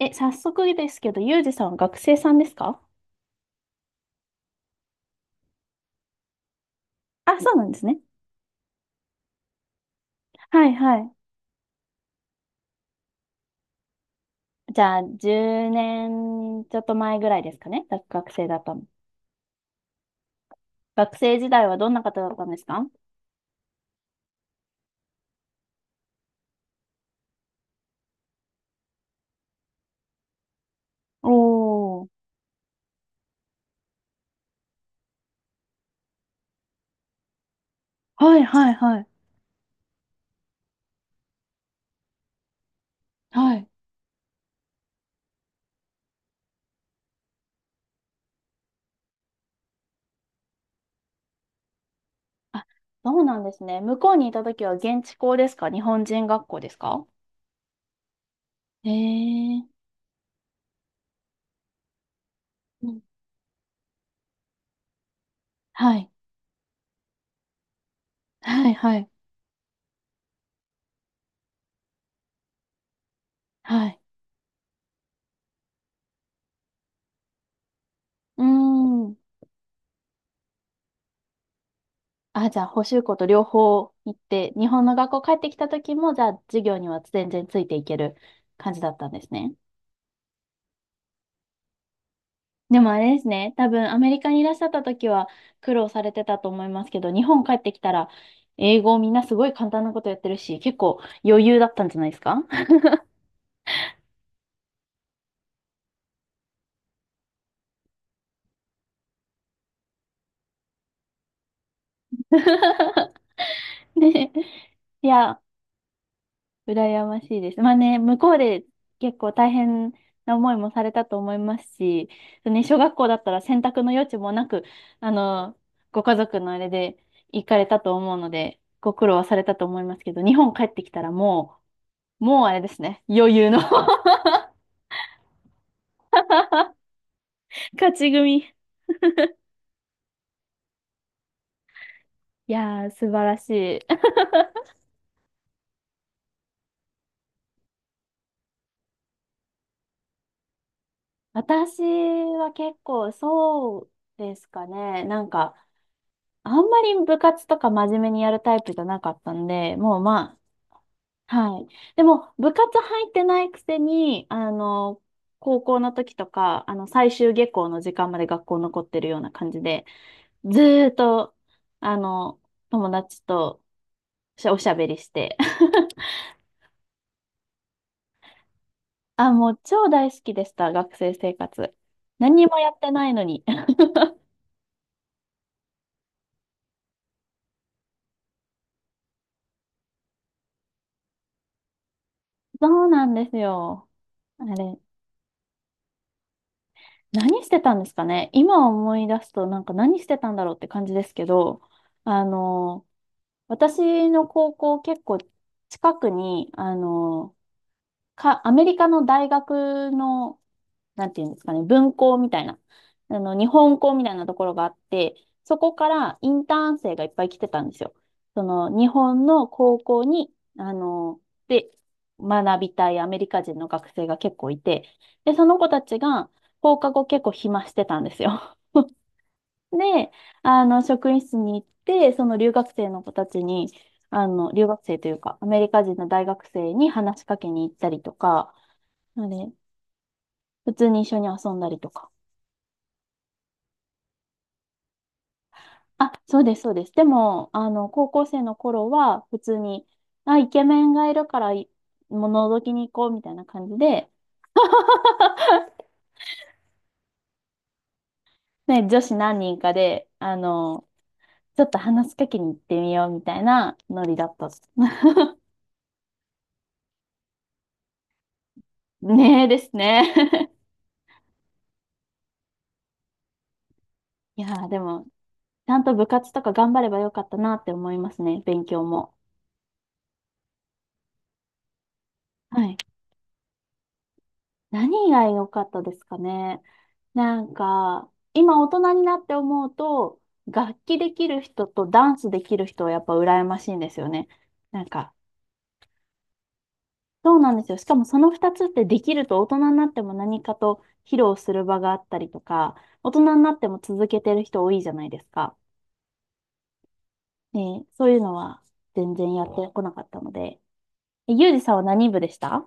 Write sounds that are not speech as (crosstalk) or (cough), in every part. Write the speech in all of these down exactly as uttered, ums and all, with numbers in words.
え、早速ですけど、ゆうじさんは学生さんですか？あ、そうなんですね。はいはい。じゃあ、じゅうねんちょっと前ぐらいですかね。学学生だったの。学生時代はどんな方だったんですか？おー。はいはいはい。はい。あ、そうなんですね。向こうにいた時は現地校ですか、日本人学校ですか？へえー。うん、はい。はいはい。はい。うーん。あ、じゃあ、補習校と両方行って、日本の学校帰ってきた時も、じゃあ、授業には全然ついていける感じだったんですね。でもあれですね、多分アメリカにいらっしゃった時は苦労されてたと思いますけど、日本帰ってきたら、英語みんなすごい簡単なことやってるし、結構余裕だったんじゃないですか？ (laughs) ね。いや、羨ましいです。まあね、向こうで結構大変な思いもされたと思いますし、ね、小学校だったら選択の余地もなく、あの、ご家族のあれで行かれたと思うので、ご苦労はされたと思いますけど、日本帰ってきたらもう、もうあれですね、余裕の (laughs) 勝ち組。いやー、素晴らしい。私は結構そうですかね。なんか、あんまり部活とか真面目にやるタイプじゃなかったんで、もうまあ、はい。でも、部活入ってないくせに、あの、高校の時とか、あの、最終下校の時間まで学校残ってるような感じで、ずーっと、あの、友達としおしゃべりして。(laughs) あ、もう超大好きでした、学生生活。何もやってないのに。(laughs) そうなんですよ。あれ、何してたんですかね。今思い出すと、なんか何してたんだろうって感じですけど、あの、私の高校結構近くに、あの、か、アメリカの大学の、なんていうんですかね、分校みたいな、あの、日本校みたいなところがあって、そこからインターン生がいっぱい来てたんですよ。その、日本の高校に、あの、で、学びたいアメリカ人の学生が結構いて、で、その子たちが放課後結構暇してたんですよ。で、あの、職員室に行って、その留学生の子たちに、あの、留学生というか、アメリカ人の大学生に話しかけに行ったりとか、なので、普通に一緒に遊んだりとか。あ、そうです、そうです。でも、あの、高校生の頃は、普通に、あ、イケメンがいるから、いもう覗きに行こうみたいな感じで、(laughs) ね、女子何人かで、あの、ちょっと話しかけに行ってみようみたいなノリだったっす。(laughs) ねえですね。(laughs) いやー、でも、ちゃんと部活とか頑張ればよかったなって思いますね、勉強も。はい。何が良かったですかね。なんか、今大人になって思うと、楽器できる人とダンスできる人はやっぱ羨ましいんですよね。なんか、そうなんですよ。しかもそのふたつってできると大人になっても何かと披露する場があったりとか、大人になっても続けてる人多いじゃないですか。ね、そういうのは全然やってこなかったので。えゆうじさんは何部でした？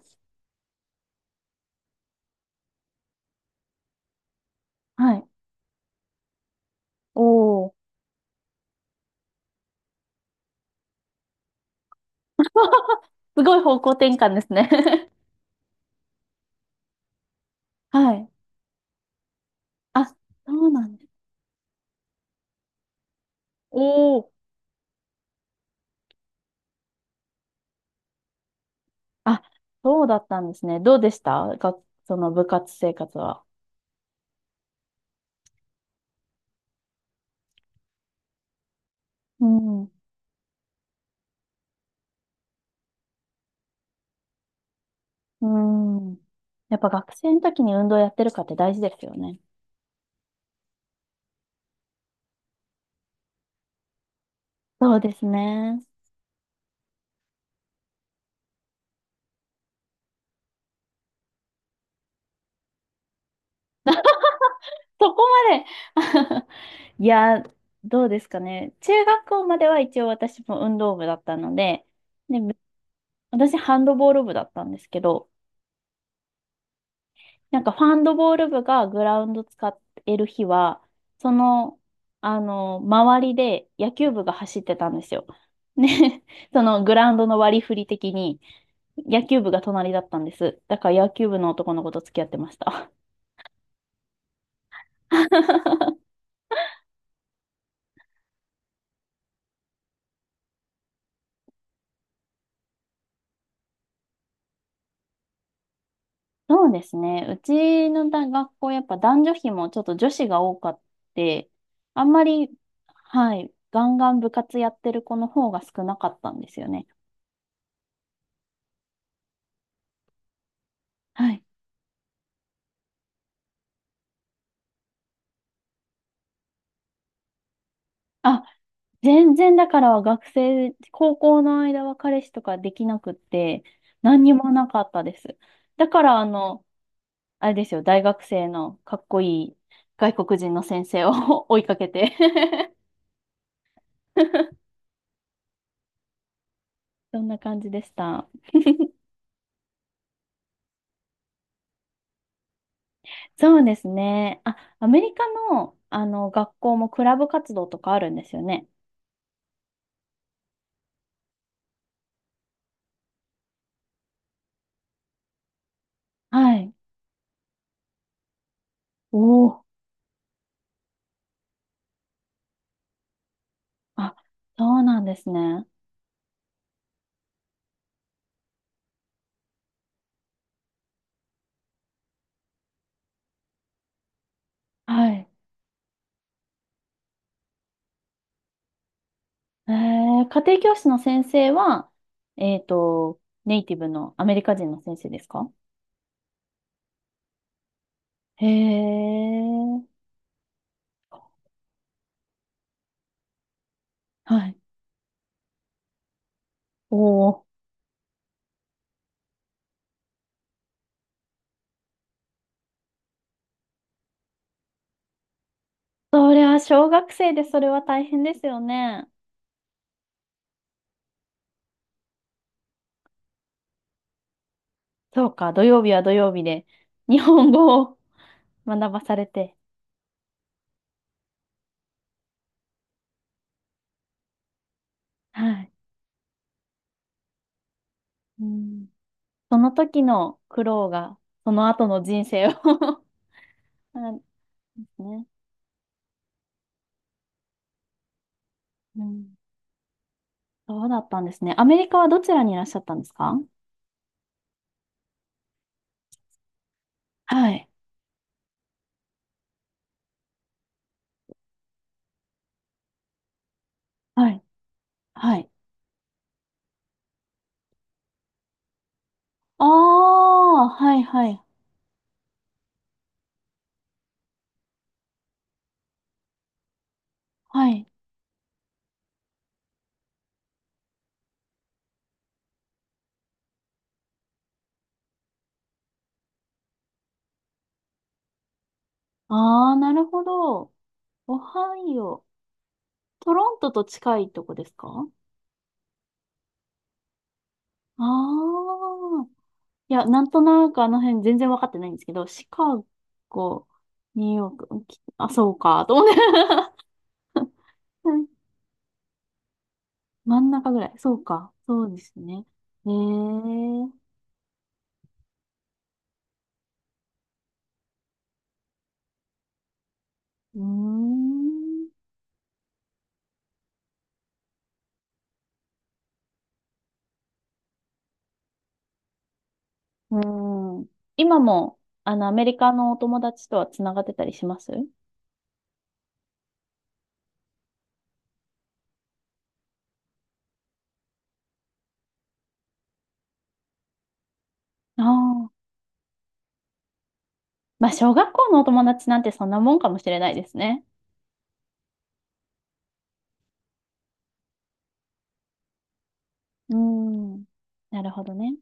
はい。おー (laughs) すごい方向転換ですね。 (laughs) はい。あ、そうなんです。おお。あ、そうだったんですね。どうでしたが、その部活生活は。うん。うん。やっぱ学生の時に運動やってるかって大事ですよね。そうですね。そこまで (laughs) いや、どうですかね。中学校までは一応私も運動部だったので、で、私ハンドボール部だったんですけど、なんかファンドボール部がグラウンド使ってる日は、その、あの、周りで野球部が走ってたんですよ。ね、(laughs) そのグラウンドの割り振り的に野球部が隣だったんです。だから野球部の男の子と付き合ってました。(laughs) そうですね。うちの大学校、やっぱ男女比もちょっと女子が多かって、あんまり、はい、ガンガン部活やってる子の方が少なかったんですよね。はい、あ、全然だから学生、高校の間は彼氏とかできなくって、何にもなかったです。だからあの、あれですよ、大学生のかっこいい外国人の先生を (laughs) 追いかけて (laughs) そんな感じでした。そうですね。あ、アメリカの、あの学校もクラブ活動とかあるんですよね。はい。おお。あ、そうなんですね。はい。えー、家庭教師の先生は、えっと、ネイティブのアメリカ人の先生ですか？へえ、はい。おお。それは小学生でそれは大変ですよね。そうか、土曜日は土曜日で日本語を学ばされて。はい。うん、その時の苦労が、その後の人生を (laughs) なんですね。うん。そうだったんですね。アメリカはどちらにいらっしゃったんですか？はい。はい。はい。ああ、はいはい、はい。ああ、なるほど。オハイオ。トロントと近いとこですか？ああー。いや、なんとなくあの辺全然わかってないんですけど、シカゴ、ニューヨーク、きあ、そうか、と思って。(laughs) うん、真ん中ぐらい。そうか。そうですね。ええー、うーん。うーん。今も、あの、アメリカのお友達とはつながってたりしますあ？あー。まあ、小学校のお友達なんてそんなもんかもしれないですね。うん。なるほどね。